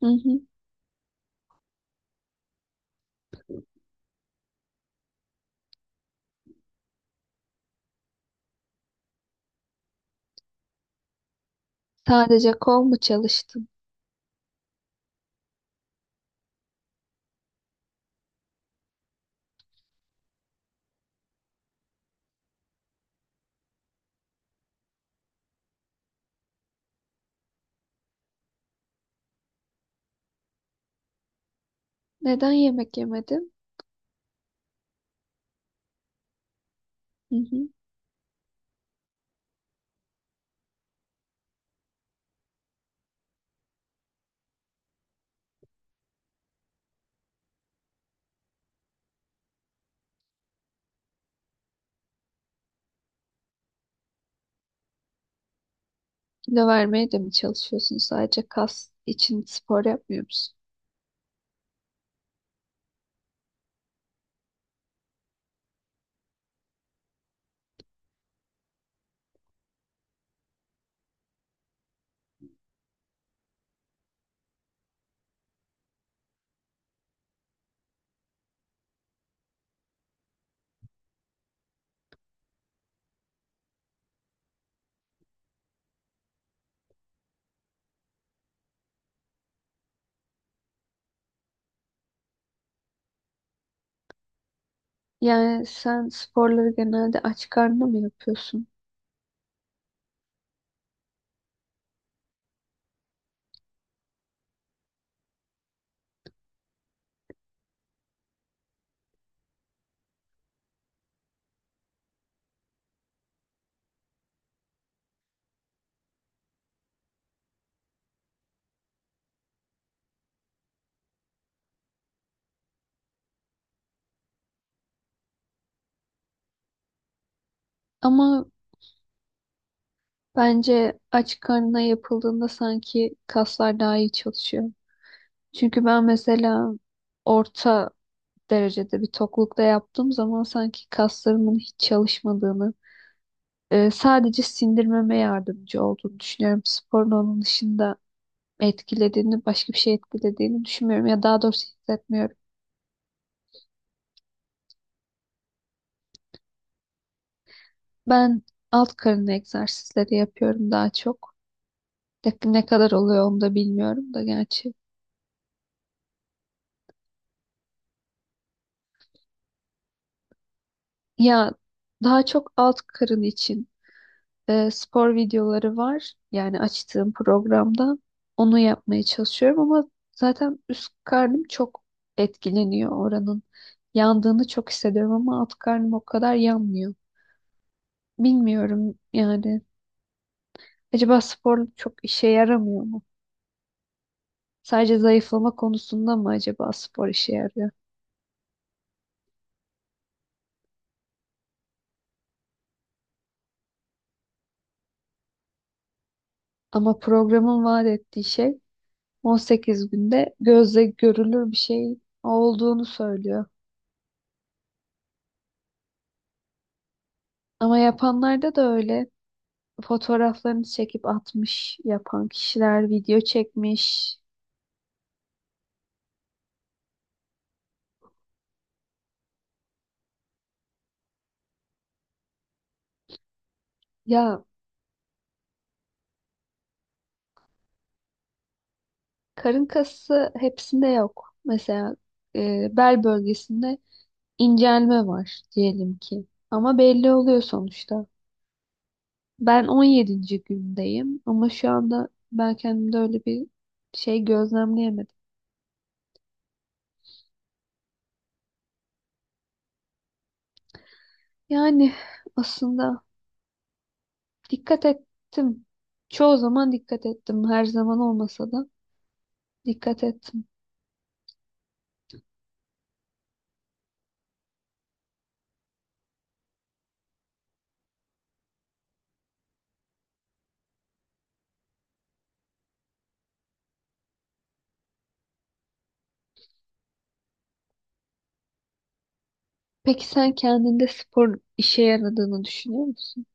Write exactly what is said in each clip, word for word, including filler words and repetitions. Hı hı. Sadece kol mu çalıştın? Neden yemek yemedin? Hı hı. Kilo vermeye de mi çalışıyorsun? Sadece kas için spor yapmıyor musun? Yani sen sporları genelde aç karnına mı yapıyorsun? Ama bence aç karnına yapıldığında sanki kaslar daha iyi çalışıyor. Çünkü ben mesela orta derecede bir toklukta yaptığım zaman sanki kaslarımın hiç çalışmadığını, e, sadece sindirmeme yardımcı olduğunu düşünüyorum sporun onun dışında etkilediğini, başka bir şey etkilediğini düşünmüyorum ya, daha doğrusu hissetmiyorum. Ben alt karın egzersizleri yapıyorum daha çok. Tabii ne kadar oluyor onu da bilmiyorum da gerçi. Ya daha çok alt karın için e, spor videoları var. Yani açtığım programda onu yapmaya çalışıyorum ama zaten üst karnım çok etkileniyor oranın. Yandığını çok hissediyorum ama alt karnım o kadar yanmıyor. Bilmiyorum yani. Acaba spor çok işe yaramıyor mu? Sadece zayıflama konusunda mı acaba spor işe yarıyor? Ama programın vaat ettiği şey on sekiz günde gözle görülür bir şey olduğunu söylüyor. Ama yapanlarda da öyle. Fotoğraflarını çekip atmış, yapan kişiler video çekmiş. Ya karın kası hepsinde yok. Mesela e, bel bölgesinde incelme var diyelim ki. Ama belli oluyor sonuçta. Ben on yedinci gündeyim ama şu anda ben kendimde öyle bir şey gözlemleyemedim. Yani aslında dikkat ettim. Çoğu zaman dikkat ettim. Her zaman olmasa da dikkat ettim. Peki sen kendinde spor işe yaradığını düşünüyor musun?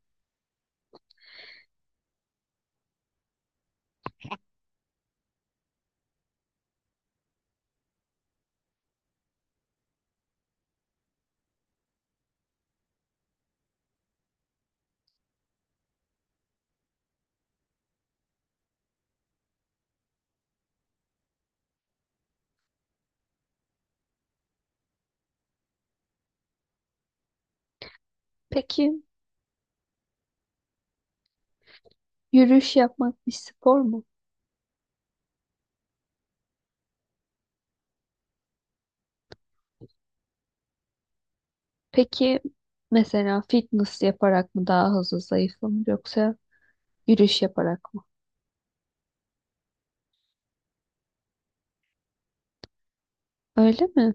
Peki yürüyüş yapmak bir spor mu? Peki mesela fitness yaparak mı daha hızlı zayıflanır yoksa yürüyüş yaparak mı? Öyle mi?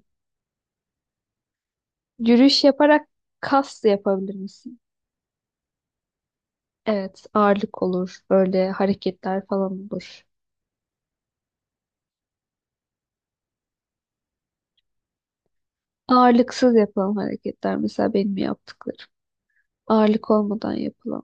Yürüyüş yaparak kas da yapabilir misin? Evet, ağırlık olur. Böyle hareketler falan olur. Ağırlıksız yapılan hareketler mesela benim yaptıklarım. Ağırlık olmadan yapılan.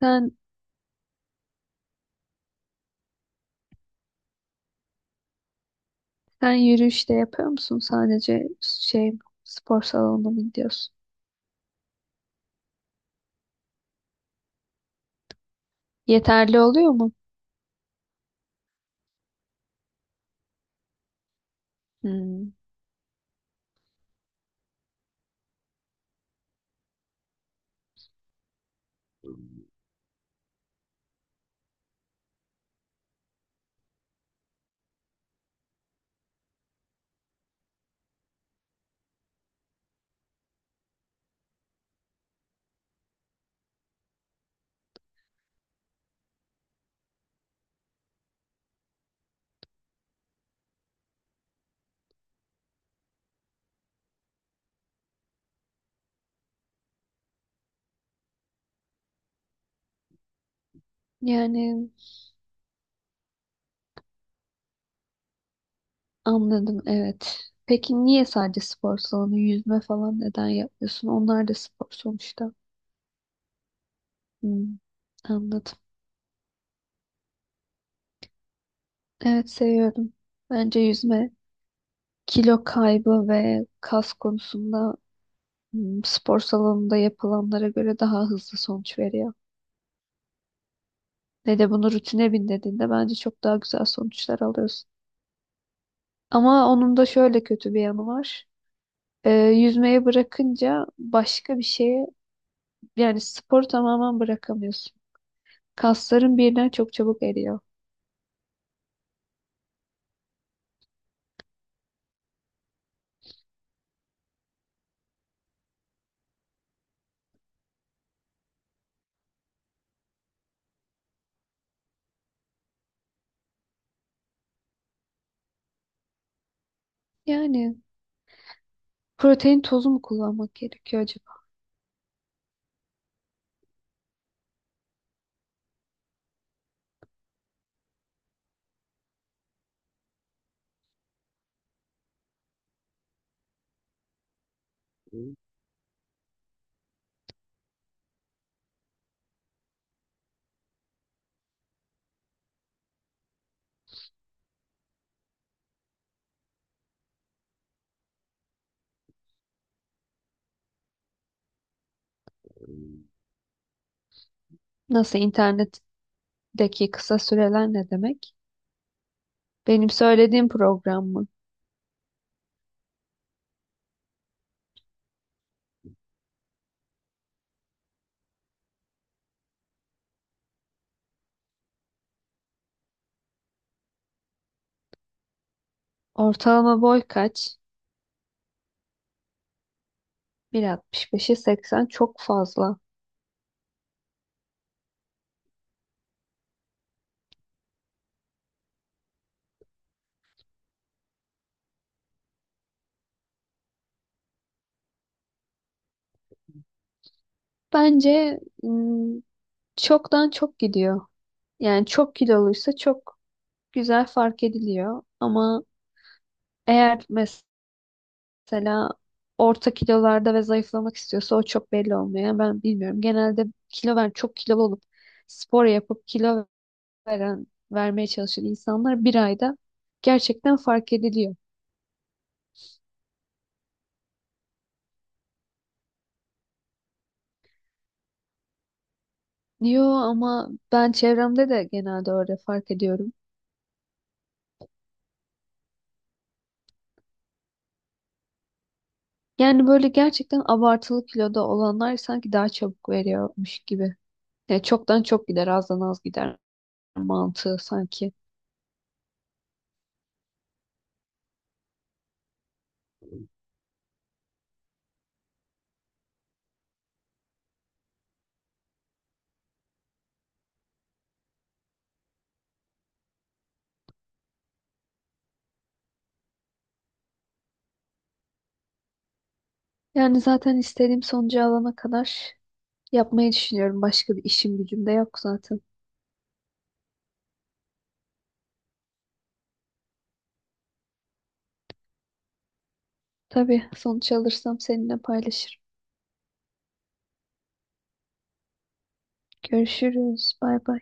Sen sen yürüyüş de yapıyor musun? Sadece şey spor salonuna mı gidiyorsun? Yeterli oluyor mu? Hmm. Yani anladım, evet. Peki niye sadece spor salonu, yüzme falan neden yapmıyorsun? Onlar da spor sonuçta. Hmm, anladım. Evet, seviyorum. Bence yüzme kilo kaybı ve kas konusunda m, spor salonunda yapılanlara göre daha hızlı sonuç veriyor. Ne de bunu rutine bindirdiğinde bence çok daha güzel sonuçlar alıyorsun. Ama onun da şöyle kötü bir yanı var. Ee, yüzmeye bırakınca başka bir şeye, yani sporu tamamen bırakamıyorsun. Kaslarım birden çok çabuk eriyor. Yani protein tozu mu kullanmak gerekiyor acaba? Nasıl internetteki kısa süreler ne demek? Benim söylediğim program mı? Ortalama boy kaç? bir altmış beşe seksen çok fazla. Bence ım, çoktan çok gidiyor. Yani çok kiloluysa çok güzel fark ediliyor. Ama eğer mesela orta kilolarda ve zayıflamak istiyorsa o çok belli olmuyor. Yani ben bilmiyorum. Genelde kilo ver, çok kilolu olup spor yapıp kilo veren, vermeye çalışan insanlar bir ayda gerçekten fark ediliyor. Yo, ama ben çevremde de genelde öyle fark ediyorum. Yani böyle gerçekten abartılı kiloda olanlar sanki daha çabuk veriyormuş gibi. Ya çoktan çok gider, azdan az gider mantığı sanki. Yani zaten istediğim sonucu alana kadar yapmayı düşünüyorum. Başka bir işim gücüm de yok zaten. Tabii sonuç alırsam seninle paylaşırım. Görüşürüz. Bay bay.